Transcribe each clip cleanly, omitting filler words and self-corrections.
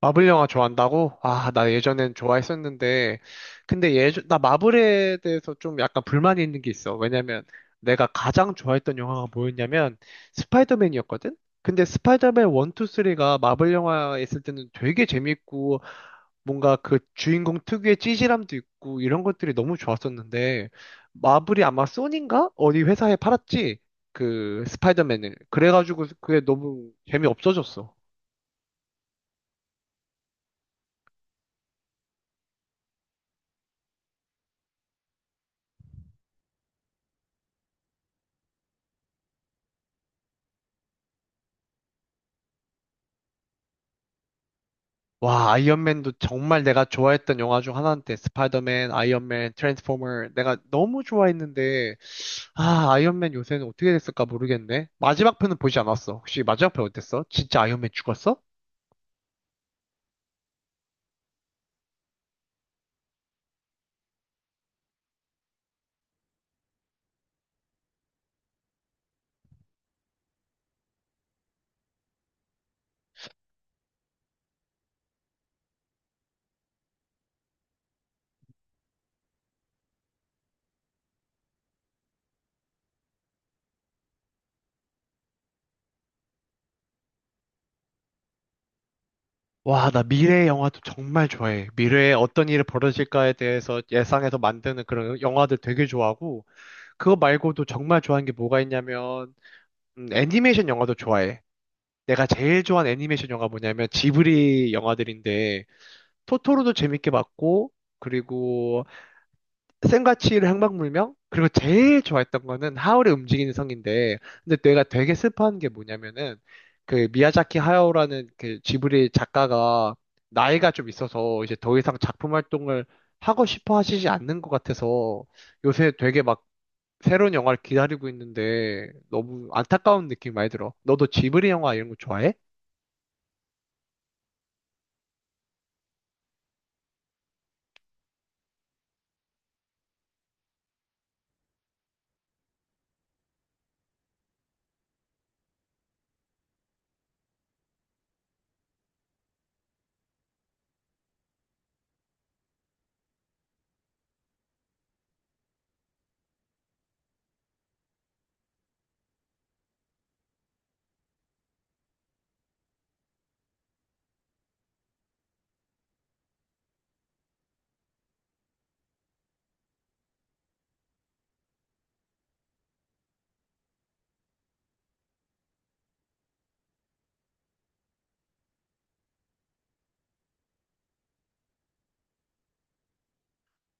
마블 영화 좋아한다고? 아, 나 예전엔 좋아했었는데, 나 마블에 대해서 좀 약간 불만이 있는 게 있어. 왜냐면 내가 가장 좋아했던 영화가 뭐였냐면 스파이더맨이었거든? 근데 스파이더맨 1, 2, 3가 마블 영화에 있을 때는 되게 재밌고, 뭔가 그 주인공 특유의 찌질함도 있고, 이런 것들이 너무 좋았었는데, 마블이 아마 소니인가? 어디 회사에 팔았지? 그 스파이더맨을. 그래가지고 그게 너무 재미없어졌어. 와, 아이언맨도 정말 내가 좋아했던 영화 중 하나인데, 스파이더맨, 아이언맨, 트랜스포머, 내가 너무 좋아했는데, 아, 아이언맨 요새는 어떻게 됐을까 모르겠네. 마지막 편은 보지 않았어. 혹시 마지막 편 어땠어? 진짜 아이언맨 죽었어? 와, 나 미래 영화도 정말 좋아해. 미래에 어떤 일이 벌어질까에 대해서 예상해서 만드는 그런 영화들 되게 좋아하고, 그거 말고도 정말 좋아하는 게 뭐가 있냐면, 애니메이션 영화도 좋아해. 내가 제일 좋아하는 애니메이션 영화 뭐냐면, 지브리 영화들인데, 토토로도 재밌게 봤고, 그리고 센과 치히로 행방불명? 그리고 제일 좋아했던 거는 하울의 움직이는 성인데, 근데 내가 되게 슬퍼한 게 뭐냐면은, 그 미야자키 하야오라는 그 지브리 작가가 나이가 좀 있어서 이제 더 이상 작품 활동을 하고 싶어 하시지 않는 것 같아서 요새 되게 막 새로운 영화를 기다리고 있는데 너무 안타까운 느낌 이 많이 들어. 너도 지브리 영화 이런 거 좋아해?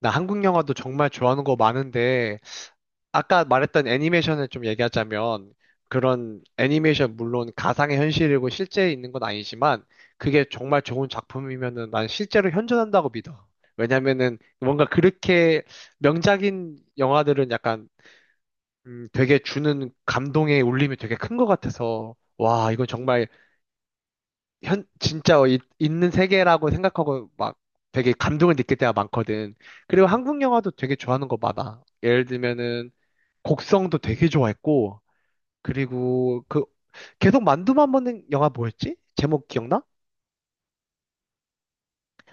나 한국 영화도 정말 좋아하는 거 많은데 아까 말했던 애니메이션을 좀 얘기하자면 그런 애니메이션 물론 가상의 현실이고 실제에 있는 건 아니지만 그게 정말 좋은 작품이면은 난 실제로 현존한다고 믿어. 왜냐면은 뭔가 그렇게 명작인 영화들은 약간 되게 주는 감동의 울림이 되게 큰 것 같아서 와, 이건 정말 현 진짜 이- 있는 세계라고 생각하고 막 되게 감동을 느낄 때가 많거든. 그리고 한국 영화도 되게 좋아하는 거 많아. 예를 들면은 곡성도 되게 좋아했고 그리고 그 계속 만두만 먹는 영화 뭐였지? 제목 기억나?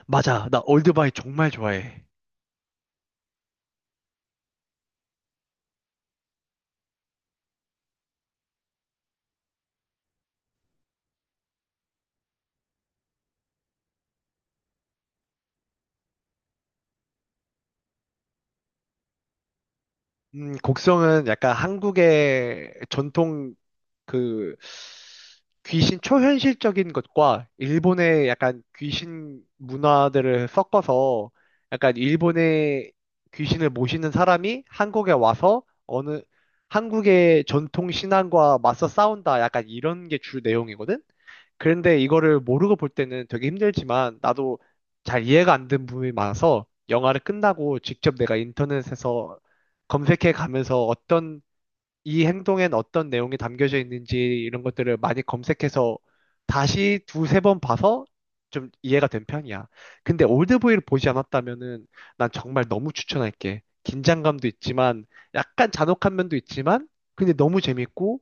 맞아. 나 올드바이 정말 좋아해. 곡성은 약간 한국의 전통 그 귀신 초현실적인 것과 일본의 약간 귀신 문화들을 섞어서 약간 일본의 귀신을 모시는 사람이 한국에 와서 어느 한국의 전통 신앙과 맞서 싸운다 약간 이런 게 주 내용이거든? 그런데 이거를 모르고 볼 때는 되게 힘들지만 나도 잘 이해가 안 된 부분이 많아서 영화를 끝나고 직접 내가 인터넷에서 검색해 가면서 어떤 이 행동엔 어떤 내용이 담겨져 있는지 이런 것들을 많이 검색해서 다시 두세 번 봐서 좀 이해가 된 편이야. 근데 올드보이를 보지 않았다면은 난 정말 너무 추천할게. 긴장감도 있지만 약간 잔혹한 면도 있지만 근데 너무 재밌고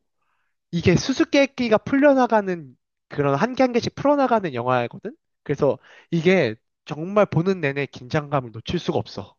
이게 수수께끼가 풀려나가는 그런 한 개 한 개씩 풀어나가는 영화거든? 그래서 이게 정말 보는 내내 긴장감을 놓칠 수가 없어.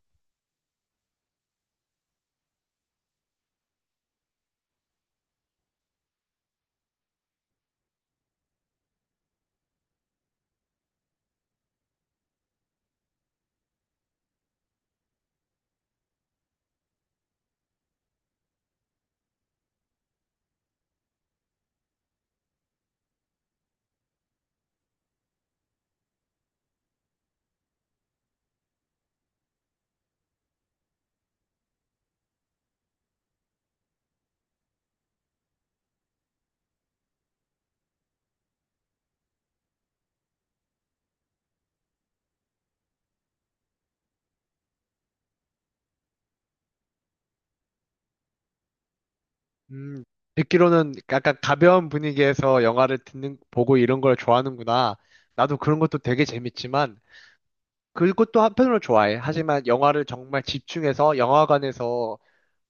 음, 듣기로는 약간 가벼운 분위기에서 영화를 보고 이런 걸 좋아하는구나. 나도 그런 것도 되게 재밌지만, 그것도 한편으로 좋아해. 하지만 영화를 정말 집중해서 영화관에서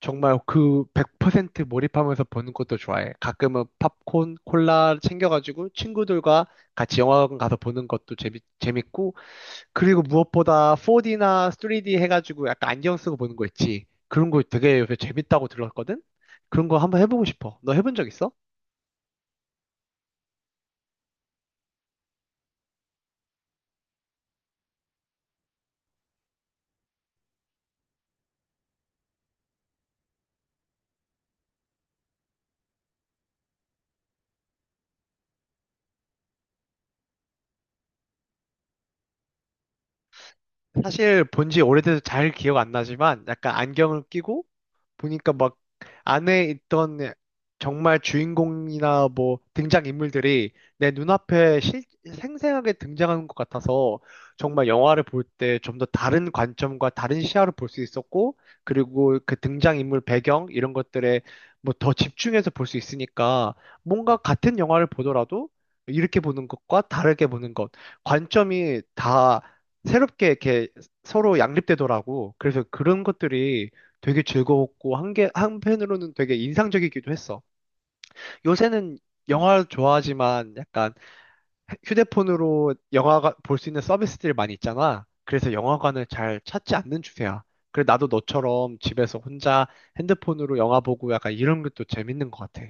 정말 그 100% 몰입하면서 보는 것도 좋아해. 가끔은 팝콘, 콜라 챙겨가지고 친구들과 같이 영화관 가서 보는 것도 재밌고, 그리고 무엇보다 4D나 3D 해가지고 약간 안경 쓰고 보는 거 있지. 그런 거 되게 요새 재밌다고 들었거든? 그런 거 한번 해보고 싶어. 너 해본 적 있어? 사실 본지 오래돼서 잘 기억 안 나지만 약간 안경을 끼고 보니까 막 안에 있던 정말 주인공이나 뭐 등장인물들이 내 눈앞에 생생하게 등장하는 것 같아서 정말 영화를 볼 때 좀 더 다른 관점과 다른 시야로 볼 수 있었고 그리고 그 등장인물 배경 이런 것들에 뭐 더 집중해서 볼 수 있으니까 뭔가 같은 영화를 보더라도 이렇게 보는 것과 다르게 보는 것 관점이 다 새롭게 이렇게 서로 양립되더라고. 그래서 그런 것들이 되게 즐거웠고 한게 한편으로는 되게 인상적이기도 했어. 요새는 영화 좋아하지만 약간 휴대폰으로 영화가 볼 수 있는 서비스들이 많이 있잖아. 그래서 영화관을 잘 찾지 않는 추세야. 그래 나도 너처럼 집에서 혼자 핸드폰으로 영화 보고 약간 이런 것도 재밌는 것 같아.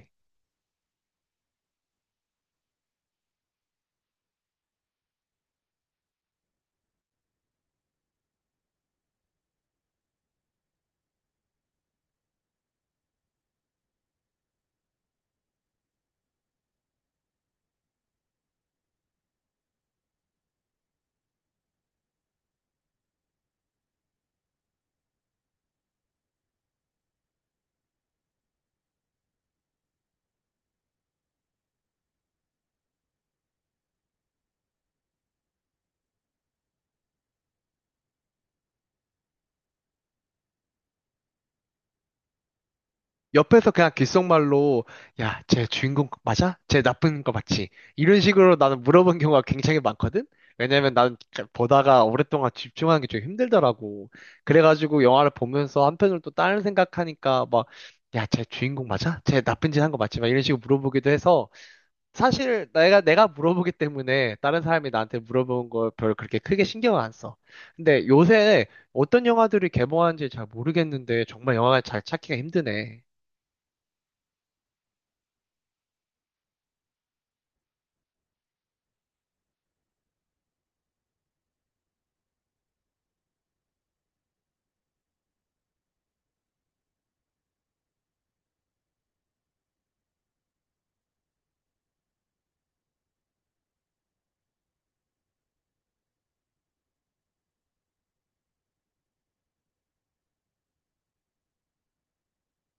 옆에서 그냥 귓속말로 야, 쟤 주인공 맞아? 쟤 나쁜 거 맞지? 이런 식으로 나는 물어본 경우가 굉장히 많거든? 왜냐면 나는 보다가 오랫동안 집중하는 게 좀 힘들더라고. 그래가지고 영화를 보면서 한편으로 또 다른 생각하니까 막 야, 쟤 주인공 맞아? 쟤 나쁜 짓 한 거 맞지? 막 이런 식으로 물어보기도 해서 사실 내가 물어보기 때문에 다른 사람이 나한테 물어보는 걸 별로 그렇게 크게 신경을 안 써. 근데 요새 어떤 영화들이 개봉하는지 잘 모르겠는데 정말 영화를 잘 찾기가 힘드네.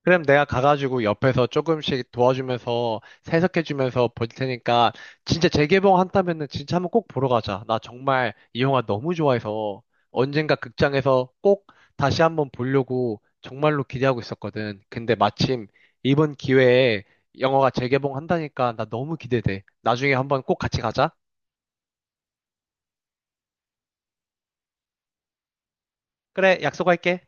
그럼 내가 가가지고 옆에서 조금씩 도와주면서 해석해주면서 볼 테니까 진짜 재개봉 한다면은 진짜 한번 꼭 보러 가자. 나 정말 이 영화 너무 좋아해서 언젠가 극장에서 꼭 다시 한번 보려고 정말로 기대하고 있었거든. 근데 마침 이번 기회에 영화가 재개봉 한다니까 나 너무 기대돼. 나중에 한번 꼭 같이 가자. 그래, 약속할게.